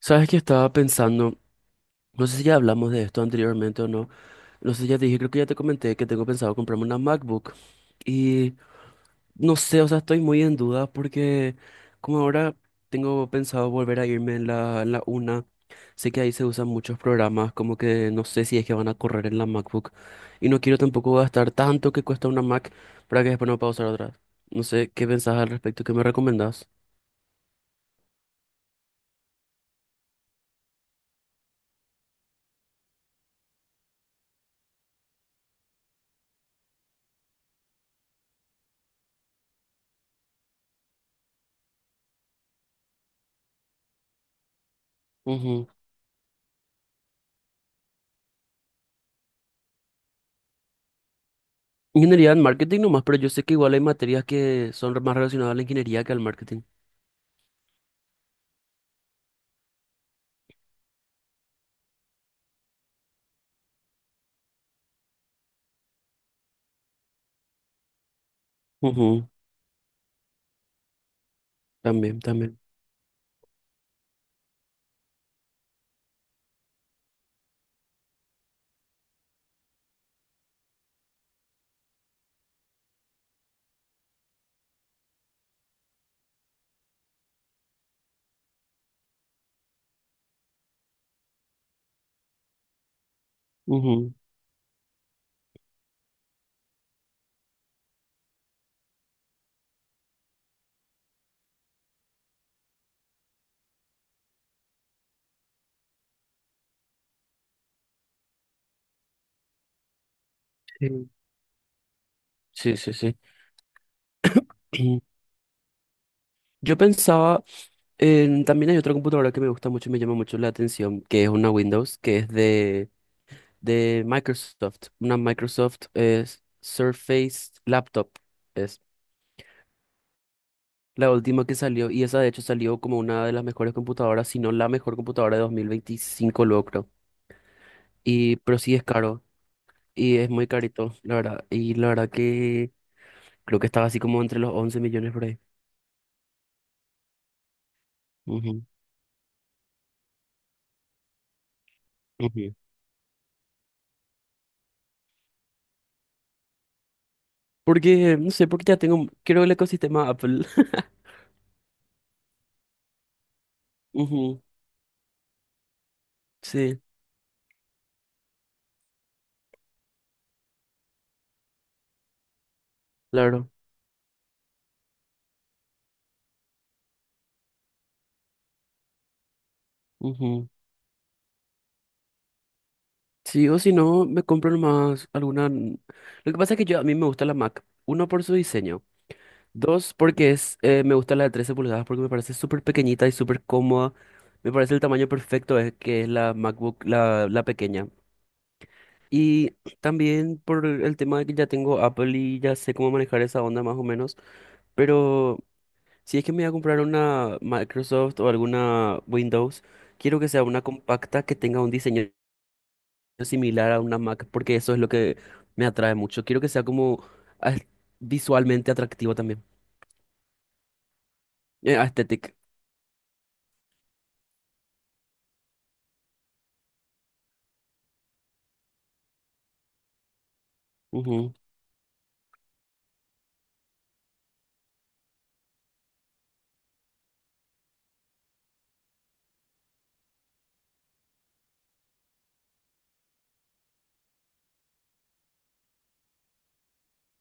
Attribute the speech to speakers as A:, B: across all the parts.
A: Sabes que estaba pensando, no sé si ya hablamos de esto anteriormente o no, no sé si ya te dije, creo que ya te comenté que tengo pensado comprarme una MacBook y no sé, o sea, estoy muy en duda porque como ahora tengo pensado volver a irme en la UNA, sé que ahí se usan muchos programas, como que no sé si es que van a correr en la MacBook y no quiero tampoco gastar tanto que cuesta una Mac para que después no pueda usar otra. No sé, ¿qué pensás al respecto? ¿Qué me recomendás? Ingeniería en marketing nomás, pero yo sé que igual hay materias que son más relacionadas a la ingeniería que al marketing. Ujú. También, también. Ujú. Sí, sí, sí. Sí. Yo pensaba, también hay otra computadora que me gusta mucho y me llama mucho la atención, que es una Windows, que es de Microsoft. Una Microsoft es Surface Laptop. Es la última que salió y esa de hecho salió como una de las mejores computadoras, si no la mejor computadora de 2025, luego creo. Y, pero sí es caro. Y es muy carito, la verdad. Y la verdad que creo que estaba así como entre los 11 millones por ahí. Ujú, ujú. Porque, no sé, porque ya tengo, quiero el ecosistema Apple. Ujú. Sí, claro. Ujú. Sí, o si no, me compro nomás alguna... Lo que pasa es que yo, a mí me gusta la Mac. Uno, por su diseño. Dos, porque es, me gusta la de 13 pulgadas porque me parece súper pequeñita y súper cómoda. Me parece el tamaño perfecto, es que es la MacBook, la pequeña. Y también por el tema de que ya tengo Apple y ya sé cómo manejar esa onda más o menos, pero si es que me voy a comprar una Microsoft o alguna Windows, quiero que sea una compacta que tenga un diseño similar a una Mac, porque eso es lo que me atrae mucho. Quiero que sea como as- visualmente atractivo también. Aesthetic. Ujú,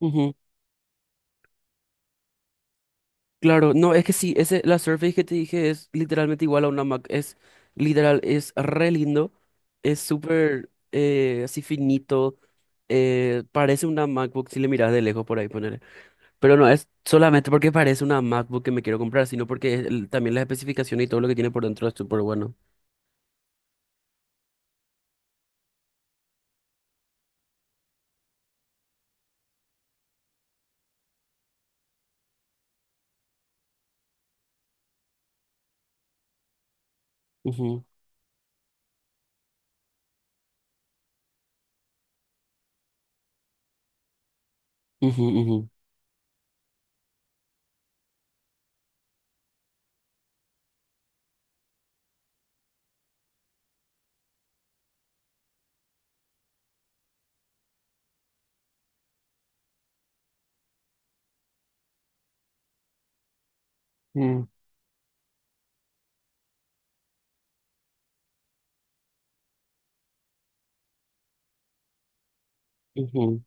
A: ujú. Claro, no, es que sí, ese, la Surface que te dije es literalmente igual a una Mac, es literal, es re lindo, es súper así finito, parece una MacBook si le miras de lejos por ahí poner, pero no es solamente porque parece una MacBook que me quiero comprar, sino porque también las especificaciones y todo lo que tiene por dentro es súper bueno. Ujú, ujú, ujú, mm, ujú,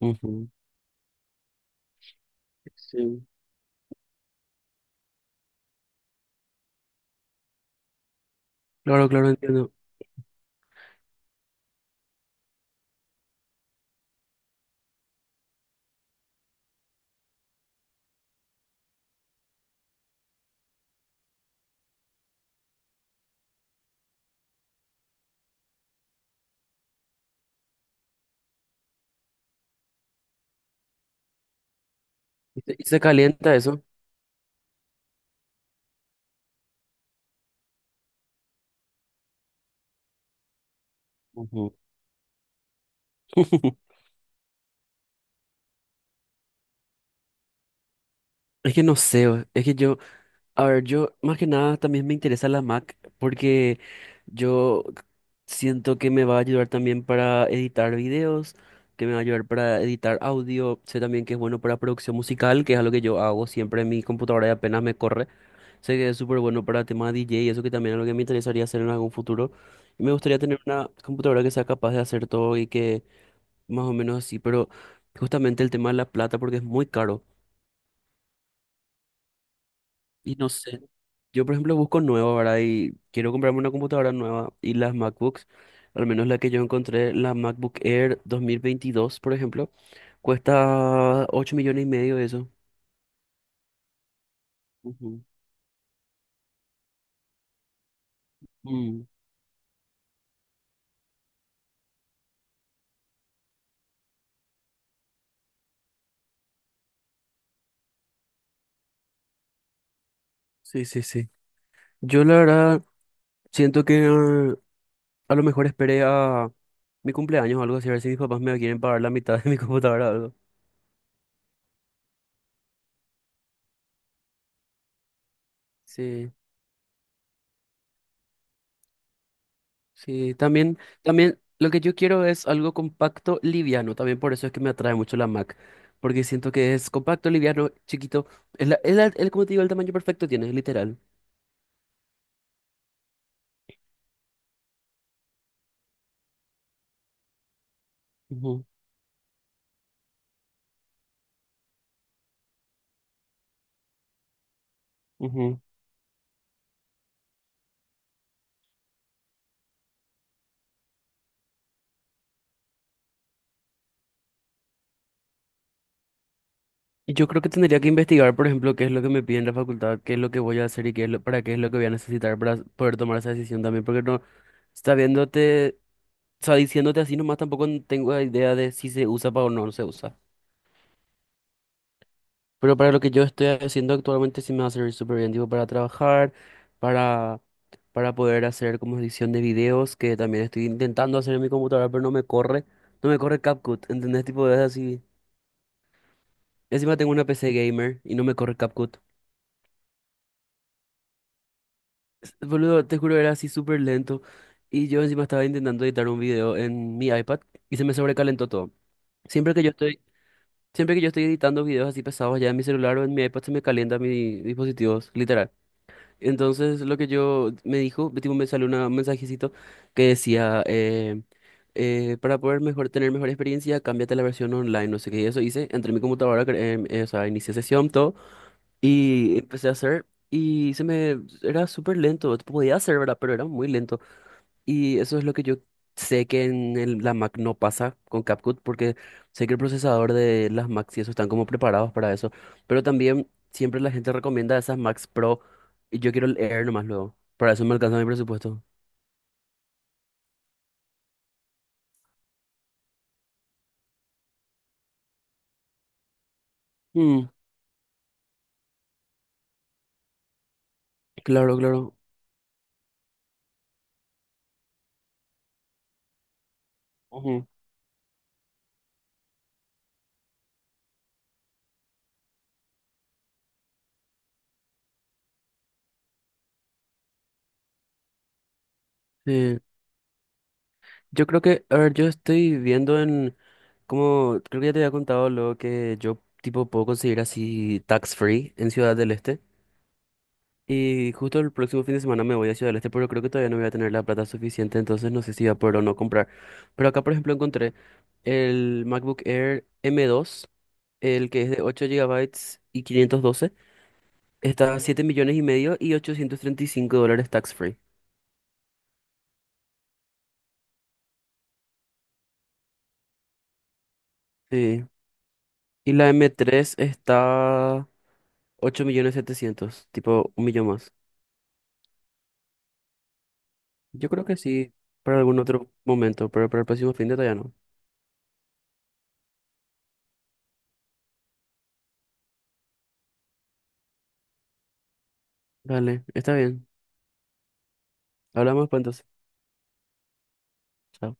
A: ujú. Sí. Claro, claro, entiendo. ¿Y se calienta eso? Ujú. Es que no sé, es que yo... A ver, yo más que nada también me interesa la Mac porque yo siento que me va a ayudar también para editar videos, que me va a ayudar para editar audio, sé también que es bueno para producción musical, que es algo que yo hago siempre en mi computadora y apenas me corre. Sé que es súper bueno para tema DJ y eso que también es algo que me interesaría hacer en algún futuro. Y me gustaría tener una computadora que sea capaz de hacer todo y que más o menos así, pero justamente el tema de la plata porque es muy caro. Y no sé. Yo, por ejemplo, busco nuevo, ¿verdad? Y quiero comprarme una computadora nueva. Y las MacBooks, al menos la que yo encontré, la MacBook Air 2022 por ejemplo, cuesta 8,5 millones de eso. Ujú. Mm, sí, sí, sí. Yo la verdad siento que a lo mejor esperé a mi cumpleaños o algo así, a ver si mis papás me quieren pagar la mitad de mi computadora o algo. Sí. Sí, también, también lo que yo quiero es algo compacto, liviano. También por eso es que me atrae mucho la Mac. Porque siento que es compacto, liviano, chiquito. Como te digo, el tamaño perfecto tiene, literal. Ujú, ujú. Y yo creo que tendría que investigar, por ejemplo, qué es lo que me piden en la facultad, qué es lo que voy a hacer y para qué es lo que voy a necesitar para poder tomar esa decisión también. Porque no, está viéndote, o sea, diciéndote así nomás tampoco tengo idea de si se usa o no se usa. Pero para lo que yo estoy haciendo actualmente sí me va a servir súper bien, tipo para trabajar, para, para poder hacer como edición de videos, que también estoy intentando hacer en mi computadora, pero no me corre CapCut, ¿entendés? Tipo, es así. Encima tengo una PC gamer y no me corre CapCut. Boludo, te juro, era así súper lento. Y yo encima estaba intentando editar un video en mi iPad y se me sobrecalentó todo. Siempre que yo estoy, siempre que yo estoy editando videos así pesados ya en mi celular o en mi iPad se me calienta mis dispositivos, literal. Entonces lo que yo me dijo, tipo, me salió un mensajecito que decía, tener mejor experiencia, cámbiate a la versión online, no sé qué, y eso hice, entré en mi computadora, o sea, inicié sesión, todo, y empecé a hacer, era súper lento, podía hacer, ¿verdad? Pero era muy lento. Y eso es lo que yo sé que en la Mac no pasa con CapCut, porque sé que el procesador de las Macs y eso están como preparados para eso. Pero también siempre la gente recomienda esas Macs Pro y yo quiero el Air nomás luego. Para eso me alcanza mi presupuesto. Mm, claro, claro. Ujú. Sí. Yo creo que, a ver, yo estoy viendo en, como, creo que ya te había contado luego que yo tipo puedo conseguir así tax free en Ciudad del Este. Y justo el próximo fin de semana me voy a Ciudad del Este, pero creo que todavía no voy a tener la plata suficiente, entonces no sé si voy a poder o no comprar. Pero acá, por ejemplo, encontré el MacBook Air M2, el que es de 8 gigabytes y 512. Está a 7 millones y medio y 835 dólares tax free. Sí. Y la M3 está 8,7 millones, tipo un millón más. Yo creo que sí, para algún otro momento, pero para el próximo fin de todavía no. Dale, está bien. Hablamos pues entonces. Chao.